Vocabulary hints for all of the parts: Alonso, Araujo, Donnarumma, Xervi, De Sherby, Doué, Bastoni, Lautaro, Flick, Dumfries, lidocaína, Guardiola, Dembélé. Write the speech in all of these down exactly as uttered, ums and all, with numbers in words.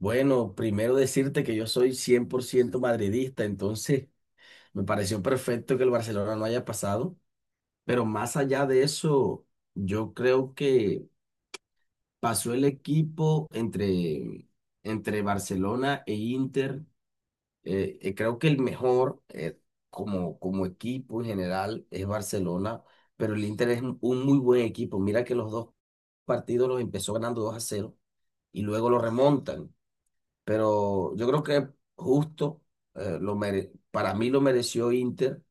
Bueno, primero decirte que yo soy cien por ciento madridista, entonces me pareció perfecto que el Barcelona no haya pasado, pero más allá de eso, yo creo que pasó el equipo entre, entre Barcelona e Inter. Eh, eh, creo que el mejor eh, como, como equipo en general es Barcelona, pero el Inter es un un muy buen equipo. Mira que los dos partidos los empezó ganando dos a cero y luego lo remontan, pero yo creo que justo eh, lo mere- para mí lo mereció Inter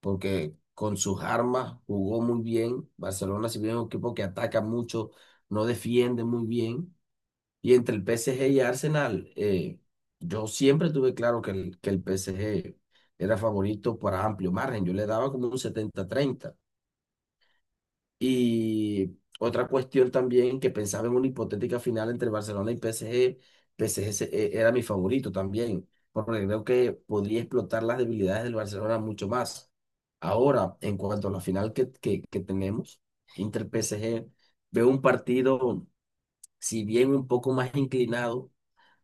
porque con sus armas jugó muy bien. Barcelona, si bien es un equipo que ataca mucho, no defiende muy bien. Y entre el P S G y Arsenal, eh, yo siempre tuve claro que el, que el P S G era favorito por amplio margen. Yo le daba como un setenta treinta. Y otra cuestión también que pensaba en una hipotética final entre Barcelona y P S G, P S G se- eh, era mi favorito también, porque creo que podría explotar las debilidades del Barcelona mucho más. Ahora, en cuanto a la final que, que, que tenemos, Inter-P S G, veo un partido, si bien un poco más inclinado,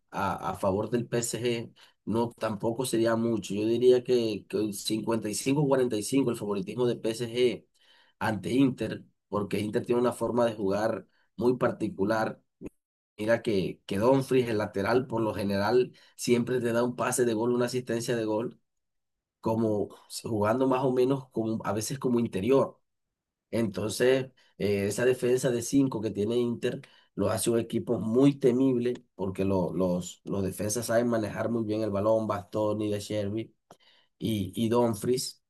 a, a favor del P S G, no, tampoco sería mucho. Yo diría que, que un cincuenta y cinco a cuarenta y cinco el favoritismo de P S G ante Inter, porque Inter tiene una forma de jugar muy particular. Mira que, que Dumfries, el lateral, por lo general, siempre te da un pase de gol, una asistencia de gol, como jugando más o menos como, a veces como interior. Entonces, eh, esa defensa de cinco que tiene Inter lo hace un equipo muy temible porque lo- los, los defensas saben manejar muy bien el balón, Bastoni, De Sherby y, y Dumfries.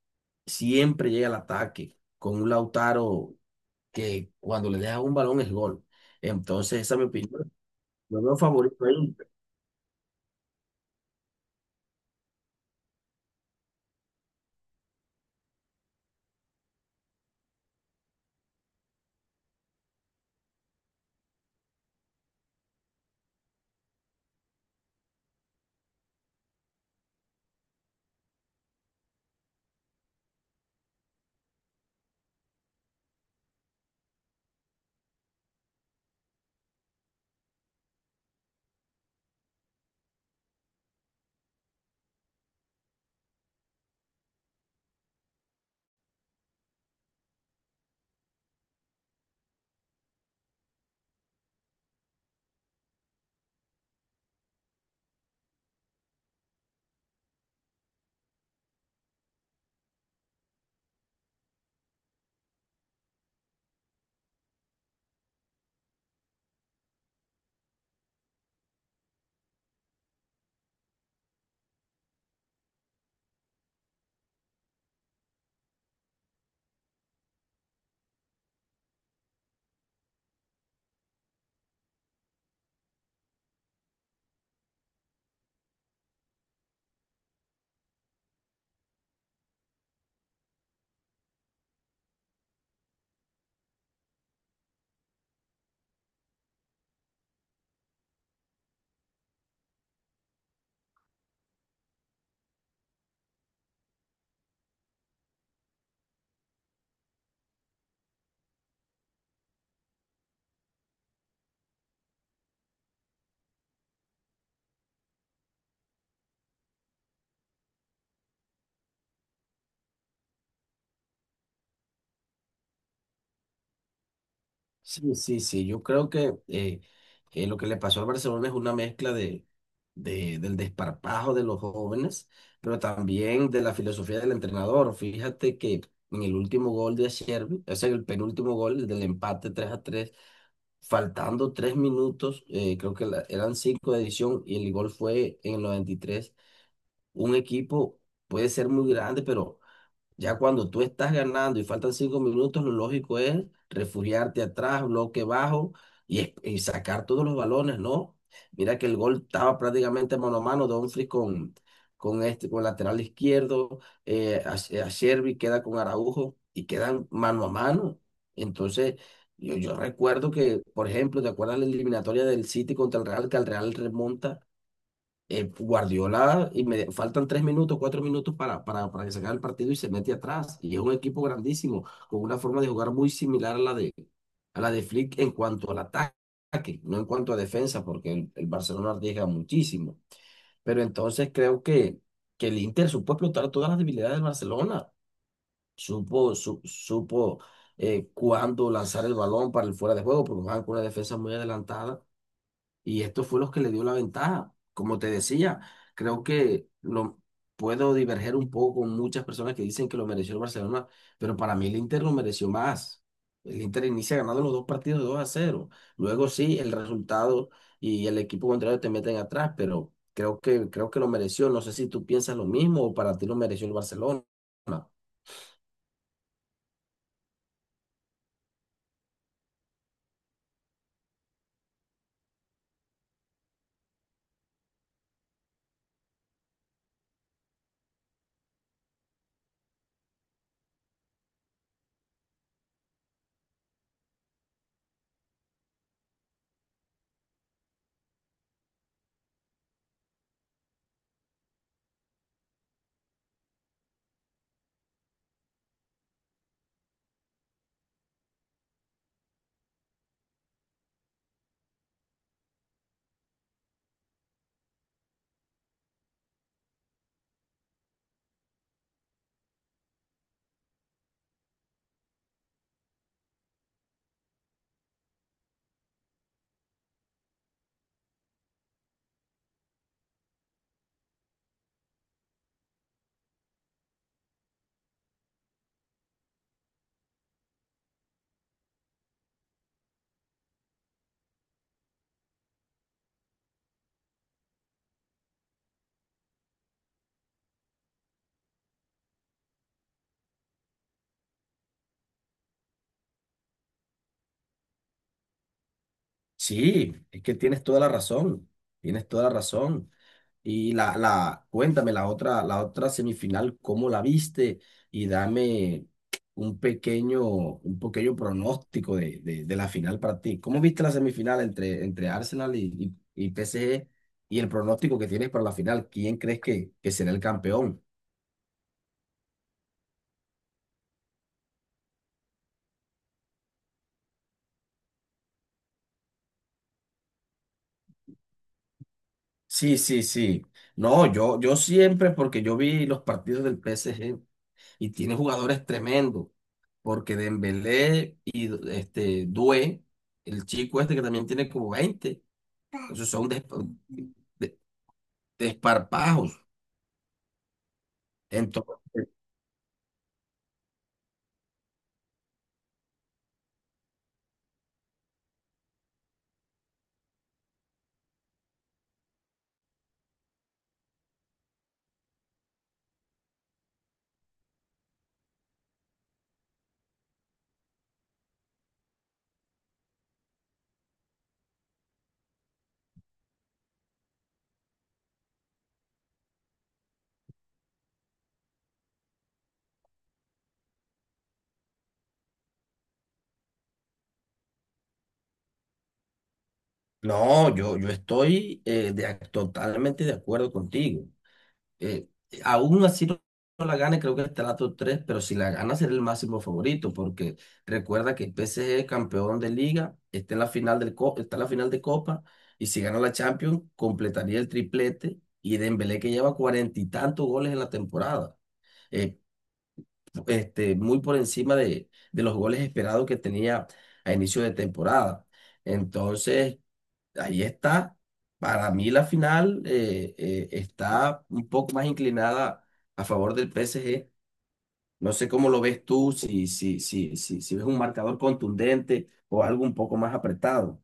Siempre llega al ataque con un Lautaro que cuando le deja un balón es gol. Entonces, esa es mi opinión. Yo veo favorito ahí. Sí, sí, sí. Yo creo que eh, eh, lo que le pasó al Barcelona es una mezcla de, de- del desparpajo de los jóvenes, pero también de la filosofía del entrenador. Fíjate que en el último gol de Xervi, o sea, en el penúltimo gol, el del empate tres a tres faltando tres minutos, eh, creo que la- eran cinco de edición y el gol fue en el noventa y tres. Un equipo puede ser muy grande, pero ya cuando tú estás ganando y faltan cinco minutos, lo lógico es refugiarte atrás, bloque bajo y, es- y sacar todos los balones, ¿no? Mira que el gol estaba prácticamente mano a mano, Dumfries con, con este, con el lateral izquierdo, eh, a, a Sherby queda con Araujo y quedan mano a mano. Entonces, yo, yo recuerdo que, por ejemplo, ¿te acuerdas la eliminatoria del City contra el Real, que el Real remonta? eh, Guardiola, y me faltan tres minutos, cuatro minutos para, para, para que se acabe el partido y se mete atrás. Y es un equipo grandísimo, con una forma de jugar muy similar a la de, a la de Flick en cuanto al ataque, no en cuanto a defensa, porque el, el Barcelona arriesga muchísimo. Pero entonces creo que, que el Inter supo explotar todas las debilidades del Barcelona, supo, su- supo eh, cuándo lanzar el balón para el fuera de juego, porque jugaban con una defensa muy adelantada y esto fue lo que le dio la ventaja. Como te decía, creo que lo puedo diverger un poco con muchas personas que dicen que lo mereció el Barcelona, pero para mí el Inter lo mereció más. El Inter inicia ganando los dos partidos dos a cero. Luego sí, el resultado y el equipo contrario te meten atrás, pero creo que, creo que lo mereció. No sé si tú piensas lo mismo o para ti lo mereció el Barcelona. Sí, es que tienes toda la razón, tienes toda la razón. Y la, la, cuéntame la otra, la otra semifinal, ¿cómo la viste? Y dame un pequeño, un pequeño pronóstico de, de, de la final para ti. ¿Cómo viste la semifinal entre, entre Arsenal y, y, y P S G? Y el pronóstico que tienes para la final, ¿quién crees que, que será el campeón? Sí, sí, sí. No, yo, yo siempre, porque yo vi los partidos del P S G. Y tiene jugadores tremendos, porque Dembélé y este Doué, el chico este que también tiene como veinte, esos son despa- de- desparpajos. Entonces, no, yo, yo estoy eh, de- totalmente de acuerdo contigo. eh, Aún así no, no la gane, creo que estará top tres, pero si la gana será el máximo favorito, porque recuerda que el P S G es campeón de liga, está en la final del co- está en la final de Copa, y si gana la Champions, completaría el triplete, y Dembélé que lleva cuarenta y tantos goles en la temporada, eh, este, muy por encima de, de los goles esperados que tenía a inicio de temporada. Entonces, ahí está. Para mí la final eh, eh, está un poco más inclinada a favor del P S G. No sé cómo lo ves tú, si, si, si, si, si ves un marcador contundente o algo un poco más apretado.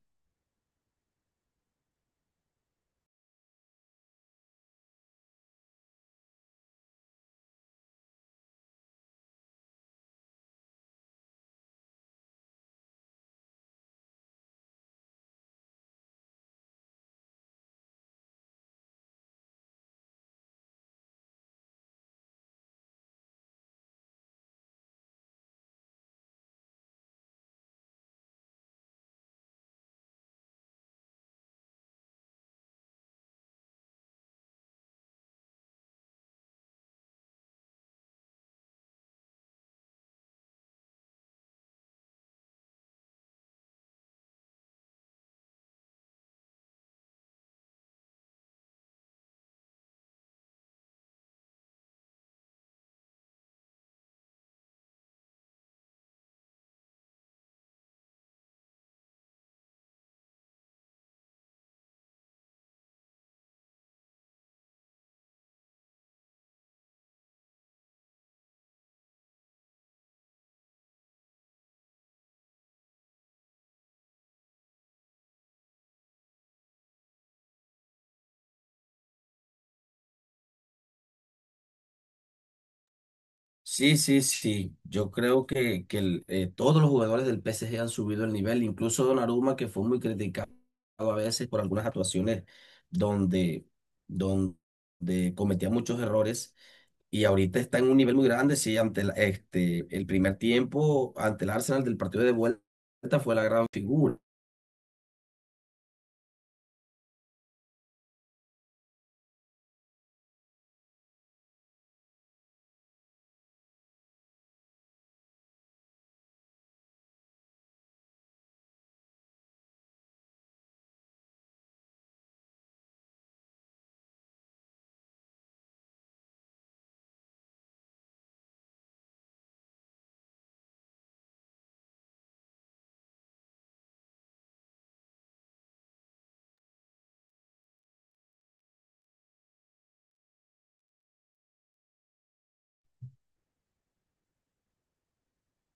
Sí, sí, sí. Yo creo que, que el, eh, todos los jugadores del P S G han subido el nivel, incluso Donnarumma, que fue muy criticado a veces por algunas actuaciones donde, donde cometía muchos errores. Y ahorita está en un nivel muy grande, sí, ante la- este, el primer tiempo, ante el Arsenal del partido de vuelta fue la gran figura.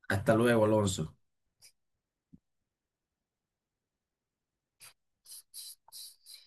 Hasta luego, Alonso.